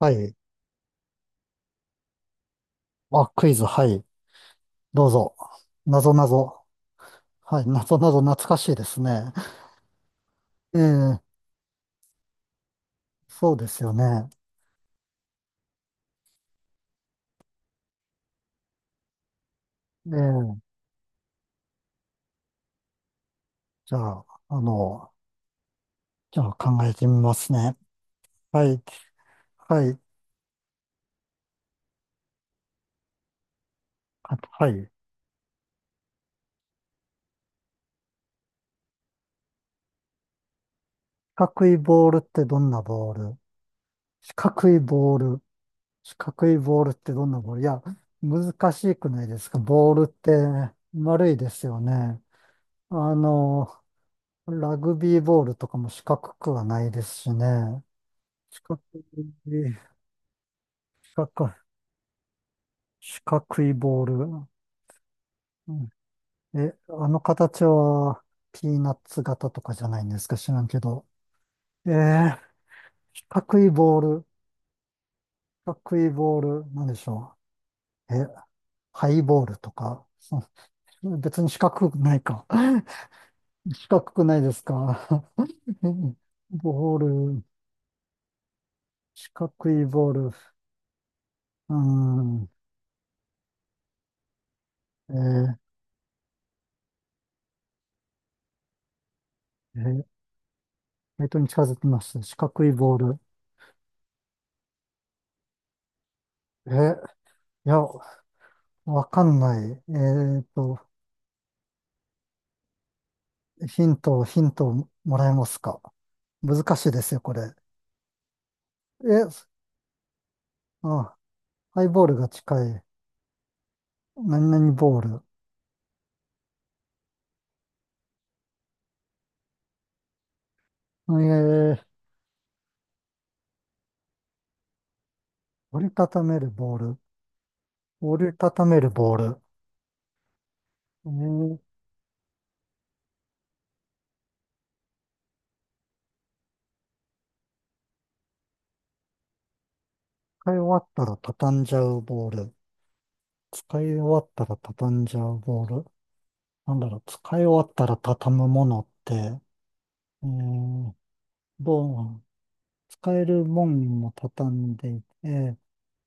はい。あ、クイズ、はい。どうぞ。なぞなぞ。はい。なぞなぞ懐かしいですね。ええ、そうですよね。ええ、じゃあ、じゃあ考えてみますね。はい。はい。あはい。四角いボールってどんなボール？四角いボール。四角いボールってどんなボール？いや、難しくないですか？ボールって丸いですよね。あの、ラグビーボールとかも四角くはないですしね。四角い、四角い、四角いボール。うん。え、あの形はピーナッツ型とかじゃないんですか？知らんけど。えー、四角いボール、四角いボール、なんでしょう。え、ハイボールとか。別に四角くないか。四角くないですか。ボール、四角いボール。うーん。えーえー、に近づきます。四角いボール。え、いや、わかんない。ヒントをもらえますか？難しいですよ、これ。え、あ、ハイボールが近い。何々ボール。えー、折りたためるボール。折りたためるボール。えー、使い終わったら畳んじゃうボール。使い終わったら畳んじゃうボール。なんだろう、使い終わったら畳むものって、えー、どう、使えるもんも畳んでいて、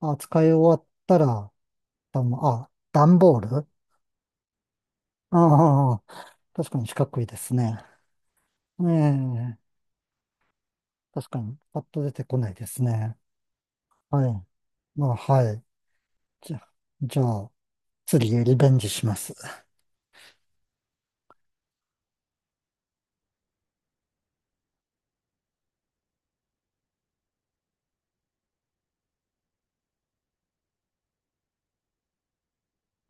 あ、使い終わったら、あ、段ボール。ああ、確かに四角いですね。ええ、確かに、パッと出てこないですね。はい。まあ、はい。じゃ、じゃあ、次へリベンジします。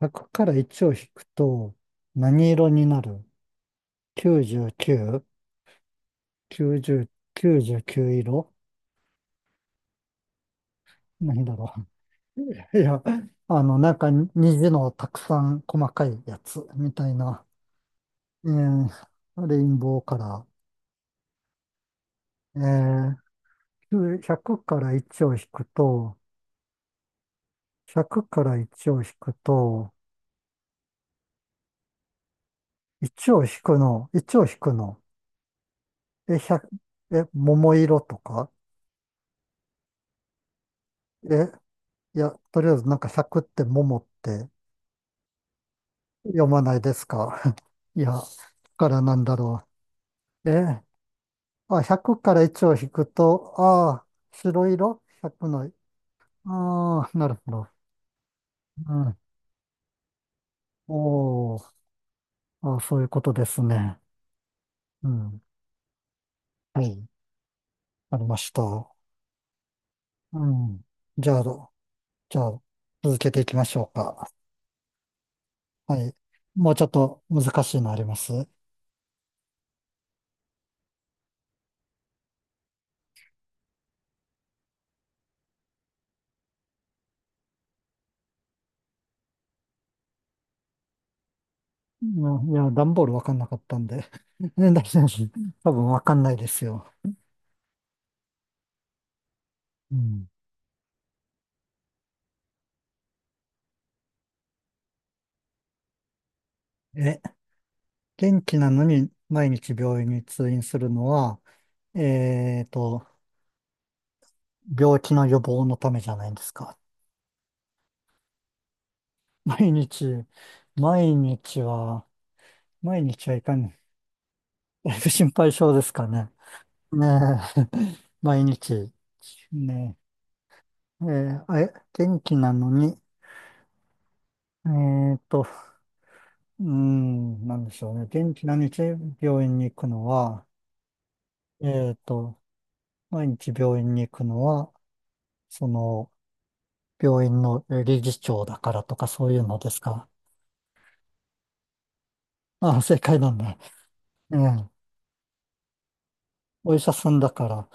1 0から1を引くと、何色になる ?99、90、99色。何だろう。いや、あの、なんか虹のたくさん細かいやつみたいな、ええ、レインボーカラー。え、100から1を引くと、100から1を引くと、1を引くの、1を引くの、え、100、え、桃色とか。え、いや、とりあえずなんか100って桃って読まないですか？ いや、だからなんだろう。え、あ、100から1を引くと、ああ、白色 ?100 の、ああ、なるほど。うん。おー、あ、そういうことですね。うん。はい。ありました。うん。じゃあ、じゃあ、続けていきましょうか。はい。もうちょっと難しいのあります。うん、いや、段ボールわかんなかったんで。ね、大丈夫？多分わかんないですよ。うん。え、元気なのに毎日病院に通院するのは、えーと、病気の予防のためじゃないんですか。毎日、毎日は、毎日はいかに、だいぶ心配性ですかね。ねえ、毎日、ねえ、元気なのに、えーっと、うーん、なんでしょうね。元気な日病院に行くのは、えーっと、毎日病院に行くのは、その、病院の理事長だからとかそういうのですか。ああ、正解なんだ。ええ、お医者さんだから。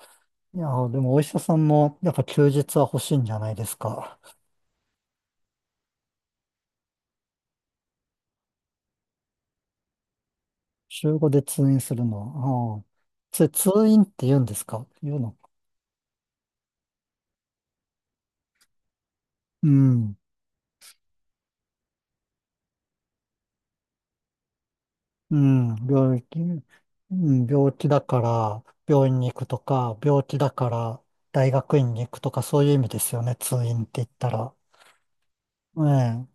いや、でもお医者さんも、やっぱ休日は欲しいんじゃないですか。週5で通院するのは。ああ、それ通院って言うんですか？言うの。うん。うん、病気、うん、病気だから病院に行くとか、病気だから大学院に行くとか、そういう意味ですよね、通院って言ったら。ええ、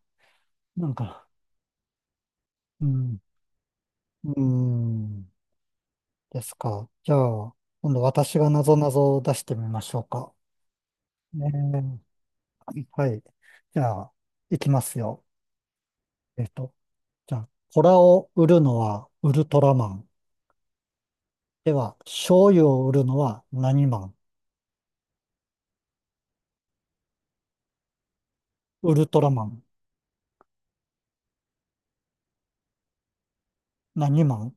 なんか、うん、うん、ですか。じゃあ、今度私がなぞなぞを出してみましょうか。ねえ、はい。じゃあ、いきますよ。えっと、じゃあ、コラを売るのはウルトラマン。では、醤油を売るのは何マン？ウルトラマン。何マン？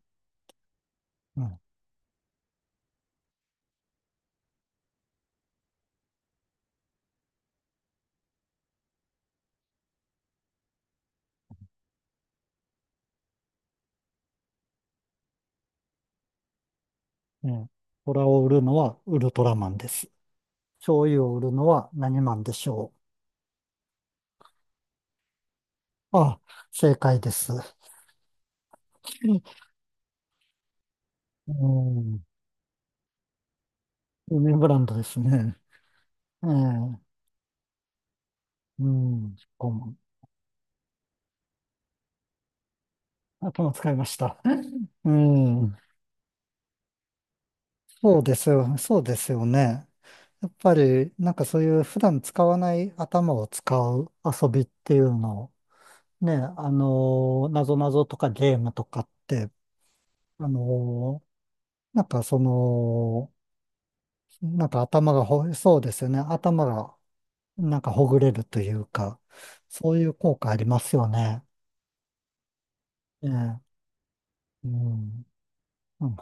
ね、虎を売るのはウルトラマンです。醤油を売るのは何マンでしょう？あ、正解です。うん。有名ブランドですね。ええ、うん。顧問。頭使いました。うん。そうですよね。そうですよね。やっぱり、なんかそういう普段使わない頭を使う遊びっていうのを、ね、なぞなぞとかゲームとかって、あの、なんか、その、なんか頭がそうですよね。頭がなんかほぐれるというか、そういう効果ありますよね。ええ、うん。うん。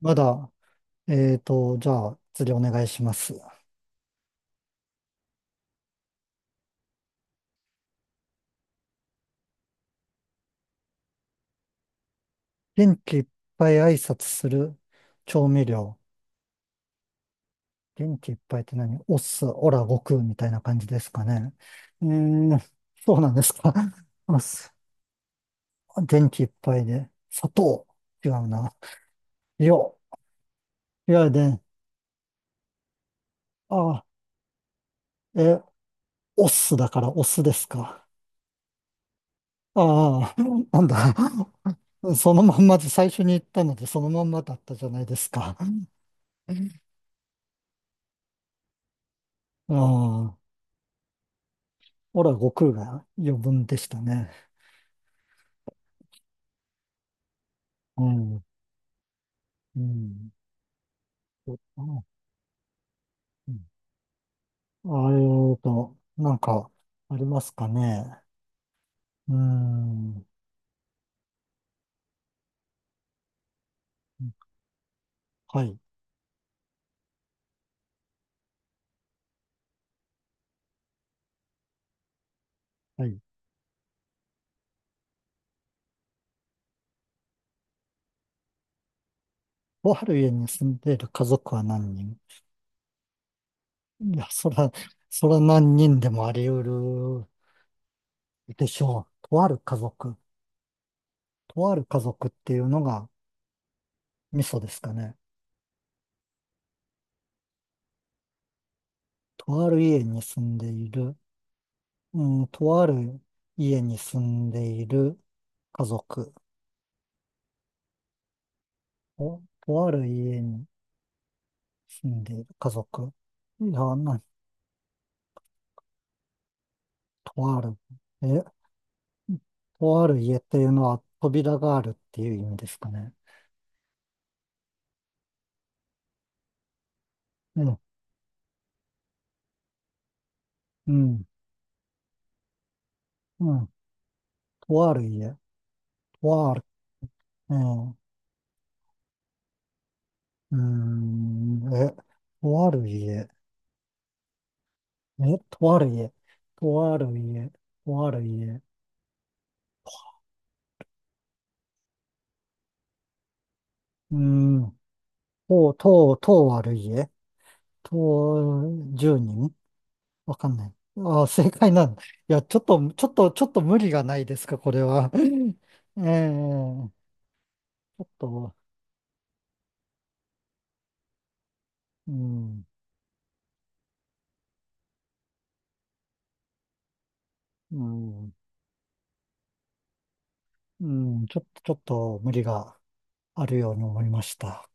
まだ、じゃあ次お願いします。元気いっぱい挨拶する調味料。元気いっぱいって何？おっす、オラ、悟空みたいな感じですかね。うーん、そうなんですか。おっす。元気いっぱいで。砂糖。違うな。よ。いやで、あ、え、オスだからオスですか。ああ、なんだ。そのまんまで最初に言ったので、そのまんまだったじゃないですか。ああ、ほら、悟空が余分でしたね。うん、うん。ああ、なんか、ありますかね。うーん。はい、はい。とある家に住んでいる家族は何人？いや、そら、そら何人でもあり得るでしょう。とある家族。とある家族っていうのがミソですかね。とある家に住んでいる、うん、とある家に住んでいる家族。とある家に住んでいる家族。いや、とある。え、とある家っていうのは扉があるっていう意味ですかね。うん、うん、うん。とある家。とある。うん、うん、え、とある家。え、とある家。とある家。とある家。うん。とう、とう、とう悪い家？とう、10人？わかんない。ああ、正解なんだ。いや、ちょっと、ちょっと、ちょっと無理がないですか、これは。ええ、ちょっと、うん、うん、うん、ちょっと、ちょっと無理があるように思いました。